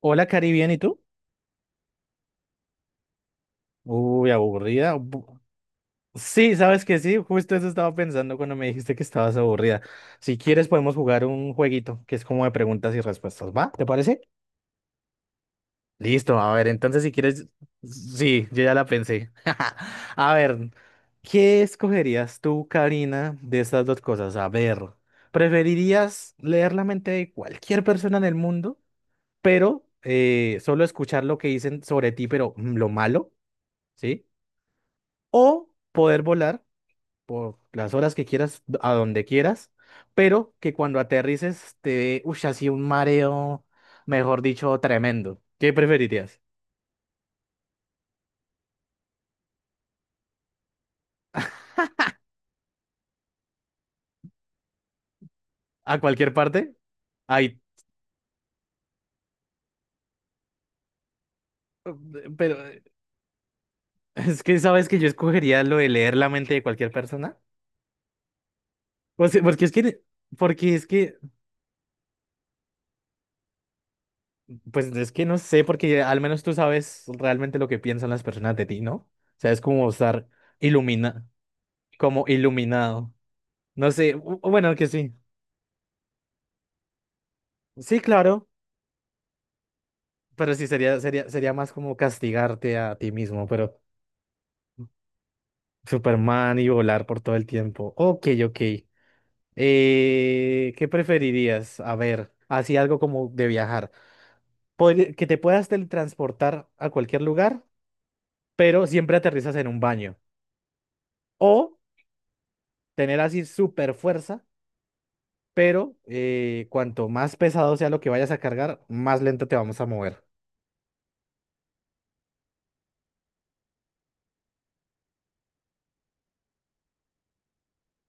Hola, Cari, ¿bien? ¿Y tú? Uy, aburrida. Sí, sabes que sí, justo eso estaba pensando cuando me dijiste que estabas aburrida. Si quieres, podemos jugar un jueguito que es como de preguntas y respuestas, ¿va? ¿Te parece? Listo, a ver, entonces si quieres. Sí, yo ya la pensé. A ver, ¿qué escogerías tú, Karina, de estas dos cosas? A ver, ¿preferirías leer la mente de cualquier persona en el mundo, pero solo escuchar lo que dicen sobre ti, pero lo malo? ¿Sí? ¿O poder volar por las horas que quieras, a donde quieras, pero que cuando aterrices te dé, uy, así un mareo, mejor dicho, tremendo? ¿Qué preferirías? ¿A cualquier parte? Ay, pero es que sabes que yo escogería lo de leer la mente de cualquier persona. O sea, porque es que, porque es que, pues es que no sé, porque al menos tú sabes realmente lo que piensan las personas de ti, ¿no? O sea, es como estar ilumina, como iluminado. No sé, bueno, que sí. Sí, claro, pero sí sería más como castigarte a ti mismo, pero Superman y volar por todo el tiempo. Ok, ok. ¿Qué preferirías? A ver, así algo como de viajar. Que te puedas teletransportar a cualquier lugar, pero siempre aterrizas en un baño. O tener así super fuerza, pero cuanto más pesado sea lo que vayas a cargar, más lento te vamos a mover.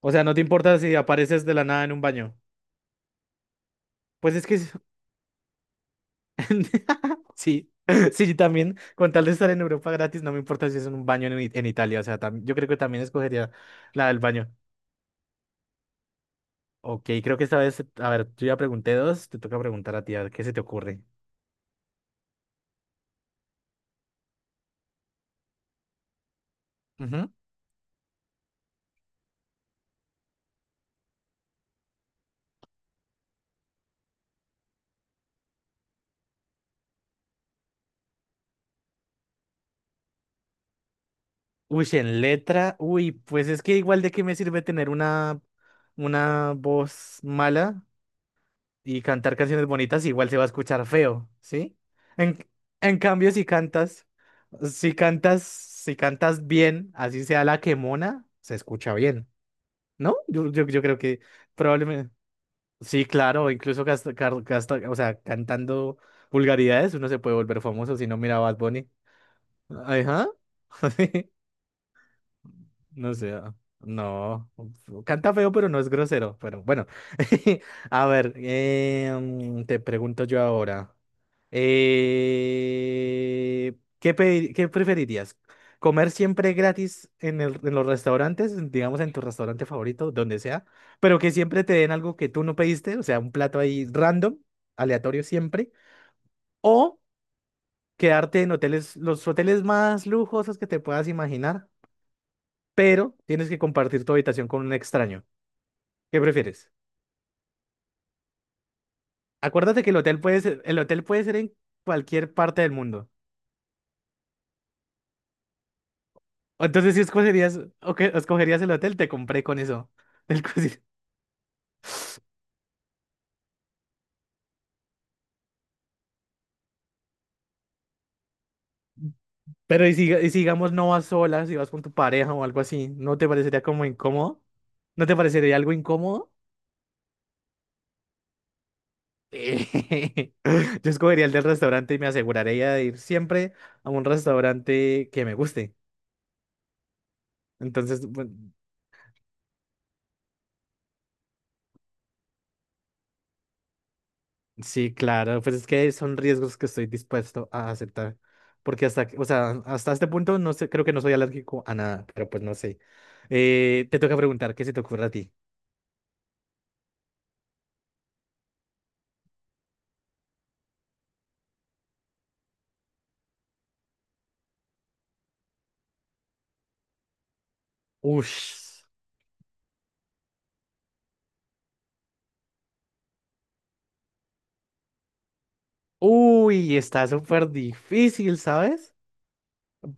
O sea, no te importa si apareces de la nada en un baño. Pues es que sí, sí, yo también, con tal de estar en Europa gratis, no me importa si es en un baño en, en Italia. O sea, yo creo que también escogería la del baño. Ok, creo que esta vez, a ver, yo ya pregunté dos, te toca preguntar a ti, a ver qué se te ocurre. Ujú. Uy, si en letra, uy, pues es que igual de qué me sirve tener una voz mala y cantar canciones bonitas, igual se va a escuchar feo, ¿sí? En, en cambio, si cantas bien, así sea la que mona, se escucha bien, ¿no? Yo creo que probablemente, sí, claro, incluso o sea, cantando vulgaridades uno se puede volver famoso si no mira a Bad Bunny. Ajá. Sí. No sé, ah, no, canta feo, pero no es grosero, pero bueno, a ver, te pregunto yo ahora. Eh, ¿qué preferirías? ¿Comer siempre gratis en en los restaurantes, digamos en tu restaurante favorito, donde sea, pero que siempre te den algo que tú no pediste, o sea, un plato ahí random, aleatorio siempre, o quedarte en hoteles, los hoteles más lujosos que te puedas imaginar, pero tienes que compartir tu habitación con un extraño? ¿Qué prefieres? Acuérdate que el hotel puede ser en cualquier parte del mundo. Entonces, si escogerías, o que escogerías el hotel, te compré con eso. del cosi- Pero y si, digamos, no vas sola, si vas con tu pareja o algo así, ¿no te parecería como incómodo? ¿No te parecería algo incómodo? Yo escogería el del restaurante y me aseguraría de ir siempre a un restaurante que me guste. Entonces, bueno, sí, claro, pues es que son riesgos que estoy dispuesto a aceptar, porque hasta, o sea, hasta este punto no sé, creo que no soy alérgico a nada, pero pues no sé. Te toca preguntar, ¿qué se te ocurre a ti? Ush. Uy, está súper difícil, ¿sabes?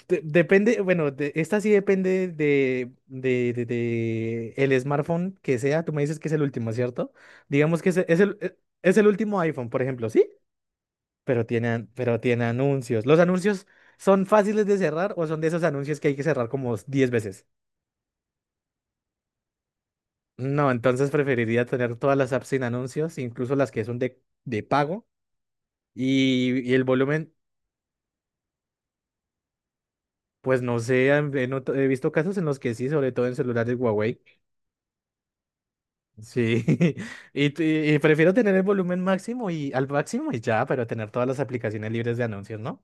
Depende, bueno, esta sí depende de el smartphone que sea, tú me dices que es el último, ¿cierto? Digamos que es es el último iPhone, por ejemplo, ¿sí? pero tiene, pero tiene anuncios. ¿Los anuncios son fáciles de cerrar o son de esos anuncios que hay que cerrar como 10 veces? No, entonces preferiría tener todas las apps sin anuncios, incluso las que son de pago. Y el volumen, pues no sé, he visto casos en los que sí, sobre todo en celulares Huawei. Sí, y y prefiero tener el volumen máximo y al máximo y ya, pero tener todas las aplicaciones libres de anuncios, ¿no?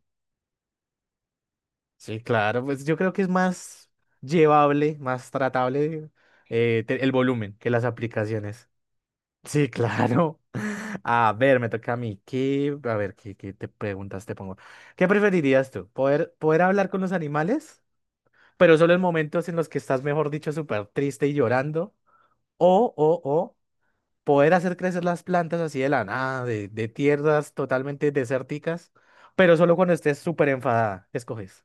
Sí, claro, pues yo creo que es más llevable, más tratable el volumen que las aplicaciones. Sí, claro. A ver, me toca a mí. A ver, ¿qué te preguntas te pongo? ¿Qué preferirías tú? ¿Poder hablar con los animales, pero solo en momentos en los que estás, mejor dicho, súper triste y llorando? ¿O poder hacer crecer las plantas así de la nada, de tierras totalmente desérticas, pero solo cuando estés súper enfadada? ¿Qué escoges?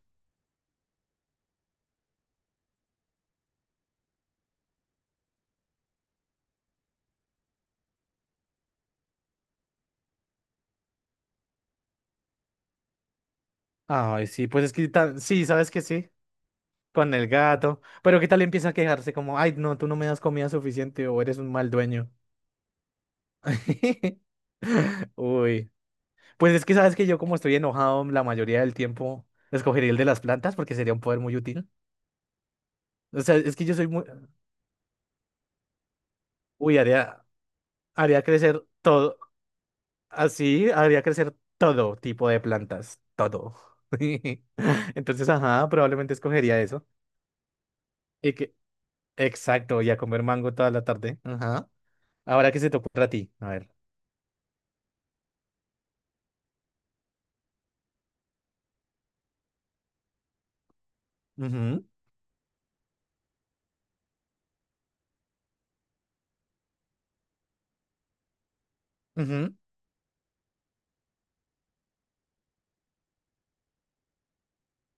Ay, sí, pues es que sí, sabes que sí, con el gato. Pero ¿qué tal empieza a quejarse como, ay, no, tú no me das comida suficiente o eres un mal dueño? Uy, pues es que sabes que yo, como estoy enojado la mayoría del tiempo, escogería el de las plantas porque sería un poder muy útil. O sea, es que yo soy muy... Uy, haría crecer todo, así, haría crecer todo tipo de plantas, todo. Entonces, ajá, probablemente escogería eso. Y que, exacto, y a comer mango toda la tarde. Ajá. Ahora que se te ocurra a ti. A ver. Ujú. Ujú.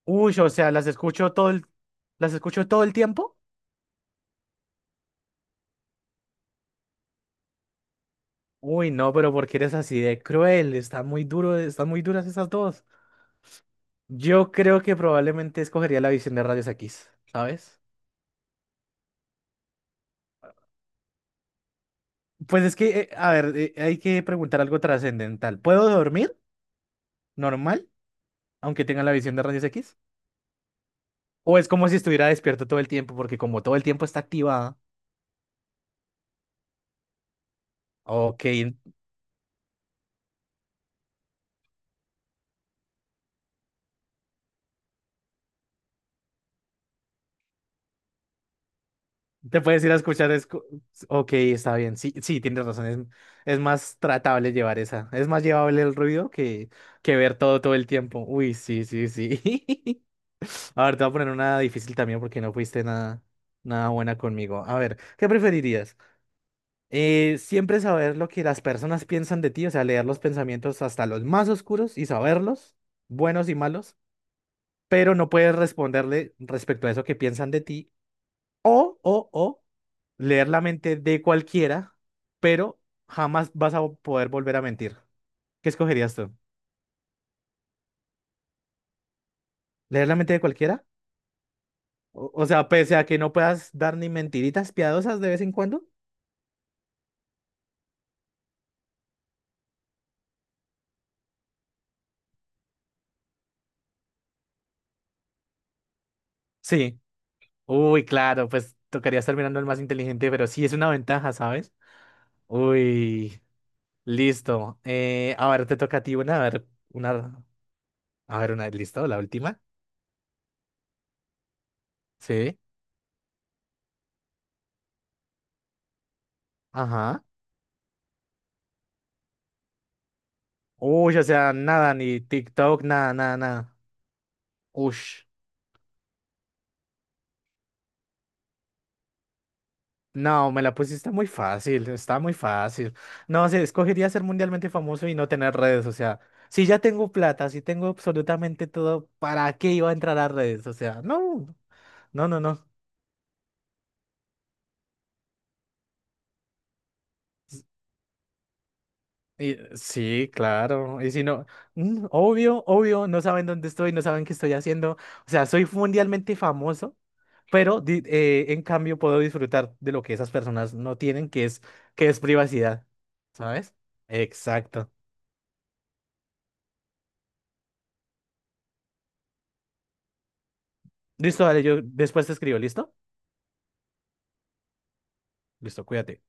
Uy, o sea, las escucho todo el tiempo. Uy, no, ¿pero porque eres así de cruel? Está muy duro, están muy duras esas dos. Yo creo que probablemente escogería la visión de rayos X, ¿sabes? Pues es que, a ver, hay que preguntar algo trascendental. ¿Puedo dormir normal, aunque tenga la visión de rayos X? ¿O es como si estuviera despierto todo el tiempo, porque como todo el tiempo está activada? Ok, te puedes ir a escuchar. Ok, está bien. Sí, sí, tienes razón. Es más tratable llevar esa. Es más llevable el ruido que ver todo todo el tiempo. Uy, sí, sí, sí. A ver, te voy a poner una difícil también porque no fuiste nada, nada buena conmigo. A ver, ¿qué preferirías? Siempre saber lo que las personas piensan de ti, o sea, leer los pensamientos hasta los más oscuros y saberlos, buenos y malos, pero no puedes responderle respecto a eso que piensan de ti. O, o, o leer la mente de cualquiera, pero jamás vas a poder volver a mentir. ¿Qué escogerías tú? ¿Leer la mente de cualquiera? O sea, pese a que no puedas dar ni mentiritas piadosas de vez en cuando. Sí. Uy, claro, pues tocaría estar mirando al más inteligente, pero sí es una ventaja, ¿sabes? Uy, listo. A ver, te toca a ti una, listo, la última. Sí. Ajá. Uy, o sea, nada, ni TikTok, nada, nada, nada. Uy. No, me la pusiste muy fácil, está muy fácil. No sé, escogería ser mundialmente famoso y no tener redes, o sea, si ya tengo plata, si tengo absolutamente todo, ¿para qué iba a entrar a redes? O sea, no, no, no, no. Y sí, claro, y si no, mm, obvio, obvio, no saben dónde estoy, no saben qué estoy haciendo, o sea, soy mundialmente famoso, pero en cambio puedo disfrutar de lo que esas personas no tienen, que es privacidad, ¿sabes? Exacto. Listo, dale, yo después te escribo, ¿listo? Listo, cuídate.